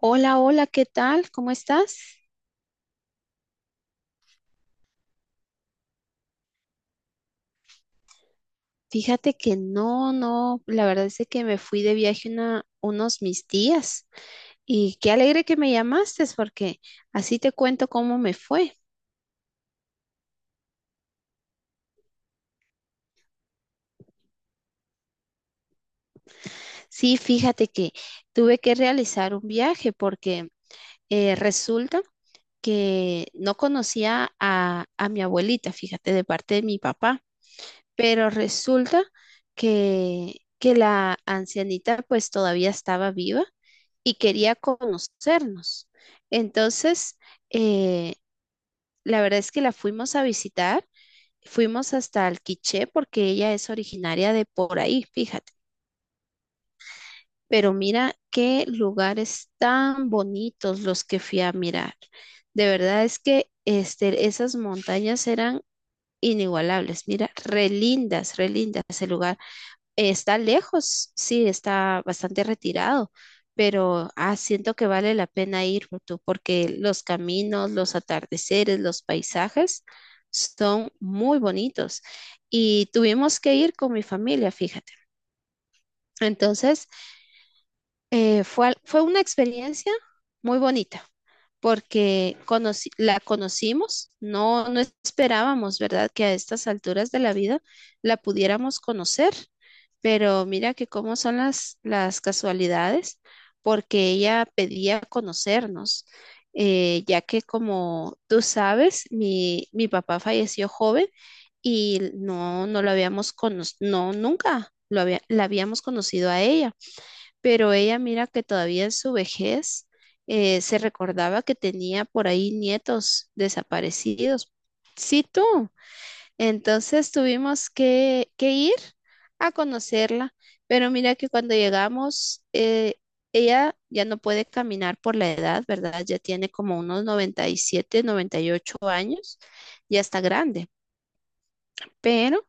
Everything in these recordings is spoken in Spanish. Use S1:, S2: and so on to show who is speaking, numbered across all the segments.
S1: Hola, hola, ¿qué tal? ¿Cómo estás? Fíjate que no, no, la verdad es de que me fui de viaje unos mis días y qué alegre que me llamaste porque así te cuento cómo me fue. Sí, fíjate que tuve que realizar un viaje porque resulta que no conocía a mi abuelita, fíjate, de parte de mi papá. Pero resulta que la ancianita pues todavía estaba viva y quería conocernos. Entonces, eh, la verdad es que la fuimos a visitar, fuimos hasta Alquiché porque ella es originaria de por ahí, fíjate. Pero mira qué lugares tan bonitos los que fui a mirar. De verdad es que esas montañas eran inigualables. Mira, re lindas el lugar. Está lejos, sí, está bastante retirado, pero ah, siento que vale la pena ir tú, porque los caminos, los atardeceres, los paisajes son muy bonitos. Y tuvimos que ir con mi familia, fíjate. Entonces, fue una experiencia muy bonita porque la conocimos, no, no esperábamos, ¿verdad?, que a estas alturas de la vida la pudiéramos conocer, pero mira que cómo son las casualidades, porque ella pedía conocernos, ya que como tú sabes, mi papá falleció joven y no, no lo habíamos conocido, no, nunca la habíamos conocido a ella pero ella mira que todavía en su vejez se recordaba que tenía por ahí nietos desaparecidos. Sí, tú. Entonces tuvimos que ir a conocerla, pero mira que cuando llegamos, ella ya no puede caminar por la edad, ¿verdad? Ya tiene como unos 90, 97, 98 años, ya está grande, pero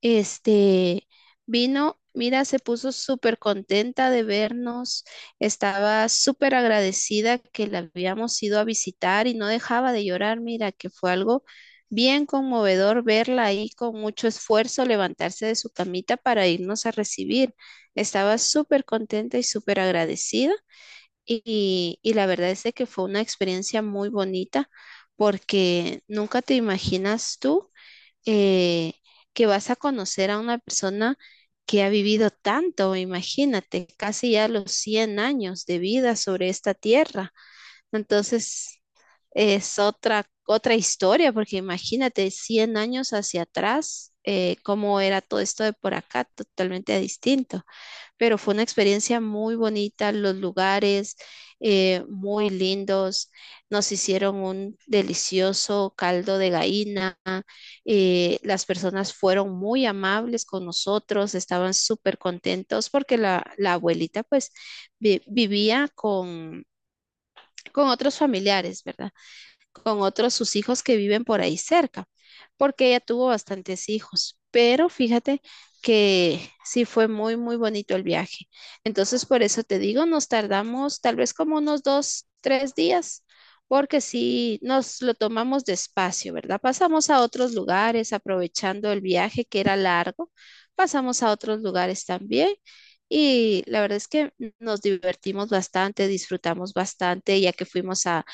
S1: este vino, mira, se puso súper contenta de vernos, estaba súper agradecida que la habíamos ido a visitar y no dejaba de llorar, mira, que fue algo bien conmovedor verla ahí con mucho esfuerzo levantarse de su camita para irnos a recibir. Estaba súper contenta y súper agradecida y la verdad es de que fue una experiencia muy bonita porque nunca te imaginas tú eh, que vas a conocer a una persona que ha vivido tanto, imagínate, casi ya los 100 años de vida sobre esta tierra. Entonces, es otra, otra historia, porque imagínate 100 años hacia atrás, cómo era todo esto de por acá, totalmente distinto pero fue una experiencia muy bonita, los lugares muy lindos, nos hicieron un delicioso caldo de gallina, las personas fueron muy amables con nosotros, estaban súper contentos porque la abuelita pues vivía con otros familiares, ¿verdad? Con otros sus hijos que viven por ahí cerca, porque ella tuvo bastantes hijos. Pero fíjate que sí fue muy, muy bonito el viaje. Entonces, por eso te digo, nos tardamos tal vez como unos 2, 3 días, porque sí nos lo tomamos despacio, ¿verdad? Pasamos a otros lugares, aprovechando el viaje que era largo, pasamos a otros lugares también. Y la verdad es que nos divertimos bastante, disfrutamos bastante, ya que fuimos a,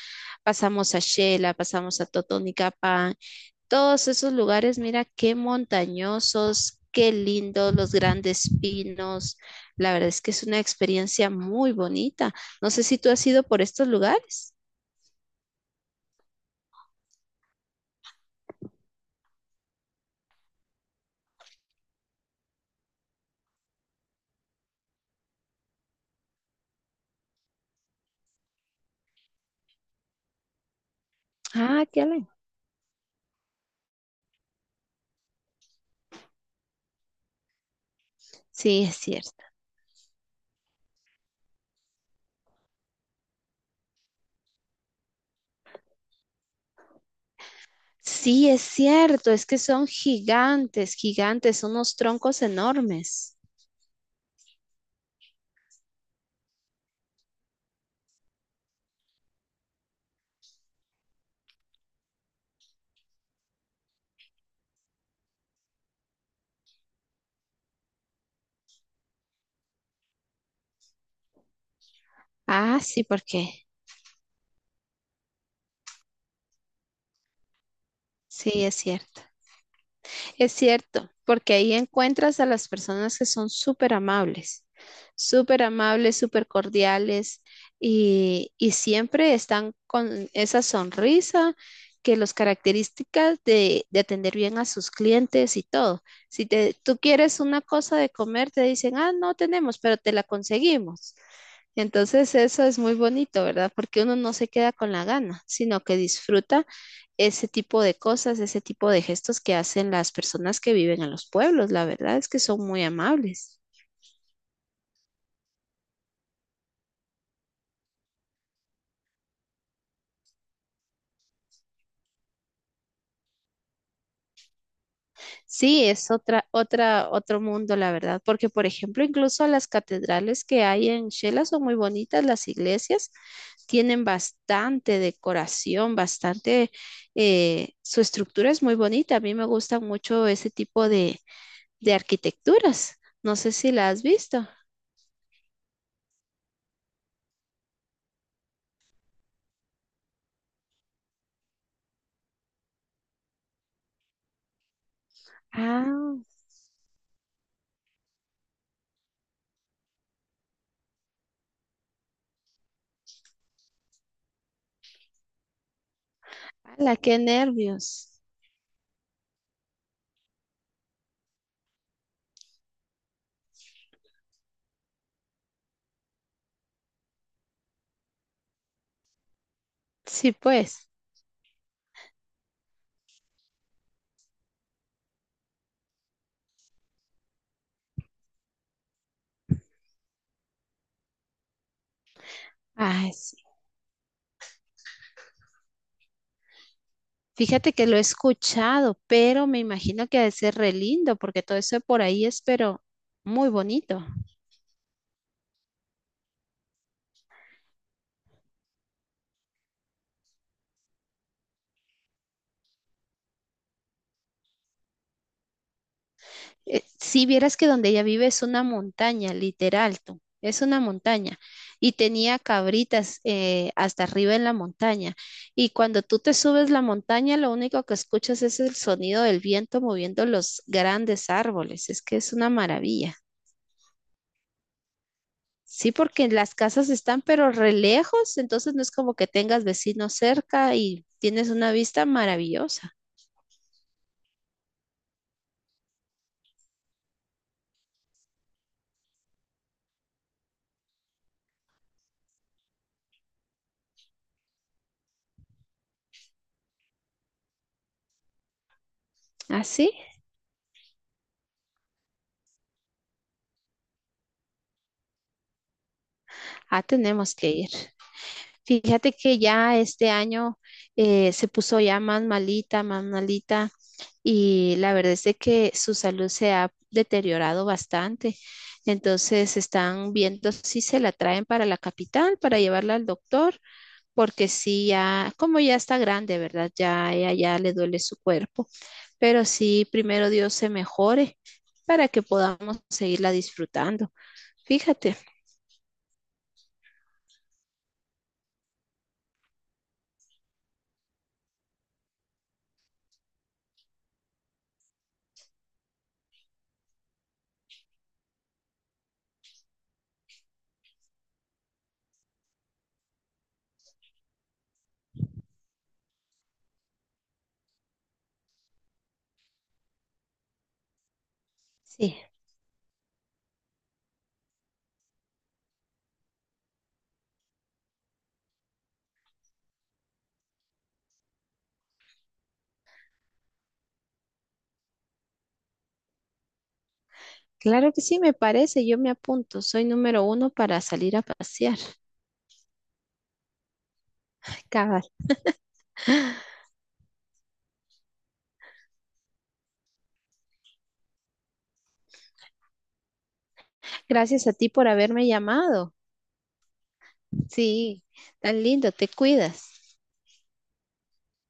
S1: pasamos a Xela, pasamos a Totonicapán, todos esos lugares, mira qué montañosos, qué lindos, los grandes pinos. La verdad es que es una experiencia muy bonita. No sé si tú has ido por estos lugares. Ah, qué alegre. Sí, es cierto. Sí, es cierto, es que son gigantes, gigantes, son unos troncos enormes. Ah, sí, ¿por qué? Sí, es cierto. Es cierto, porque ahí encuentras a las personas que son súper amables, súper amables, súper cordiales y siempre están con esa sonrisa que los características de atender bien a sus clientes y todo. Si tú quieres una cosa de comer, te dicen, ah, no tenemos, pero te la conseguimos. Entonces eso es muy bonito, ¿verdad? Porque uno no se queda con la gana, sino que disfruta ese tipo de cosas, ese tipo de gestos que hacen las personas que viven en los pueblos. La verdad es que son muy amables. Sí, es otra, otra, otro mundo, la verdad, porque por ejemplo, incluso las catedrales que hay en Shela son muy bonitas, las iglesias tienen bastante decoración, bastante, su estructura es muy bonita. A mí me gusta mucho ese tipo de arquitecturas. No sé si la has visto. Ah, ala, qué nervios. Sí, pues. Ay, sí. Fíjate que lo he escuchado, pero me imagino que ha de ser re lindo porque todo eso por ahí es, pero muy bonito. Si vieras que donde ella vive es una montaña, literal, tú, es una montaña. Y tenía cabritas hasta arriba en la montaña. Y cuando tú te subes la montaña, lo único que escuchas es el sonido del viento moviendo los grandes árboles. Es que es una maravilla. Sí, porque las casas están pero re lejos, entonces no es como que tengas vecinos cerca y tienes una vista maravillosa. Ah, sí, ah, tenemos que ir. Fíjate que ya este año se puso ya más malita, y la verdad es de que su salud se ha deteriorado bastante. Entonces están viendo si se la traen para la capital, para llevarla al doctor, porque sí, ya, como ya está grande, ¿verdad? Ya, ya, ya le duele su cuerpo. Pero sí, primero Dios se mejore para que podamos seguirla disfrutando. Fíjate. Sí. Claro que sí, me parece, yo me apunto. Soy número 1 para salir a pasear. Cabal. Gracias a ti por haberme llamado. Sí, tan lindo, te cuidas.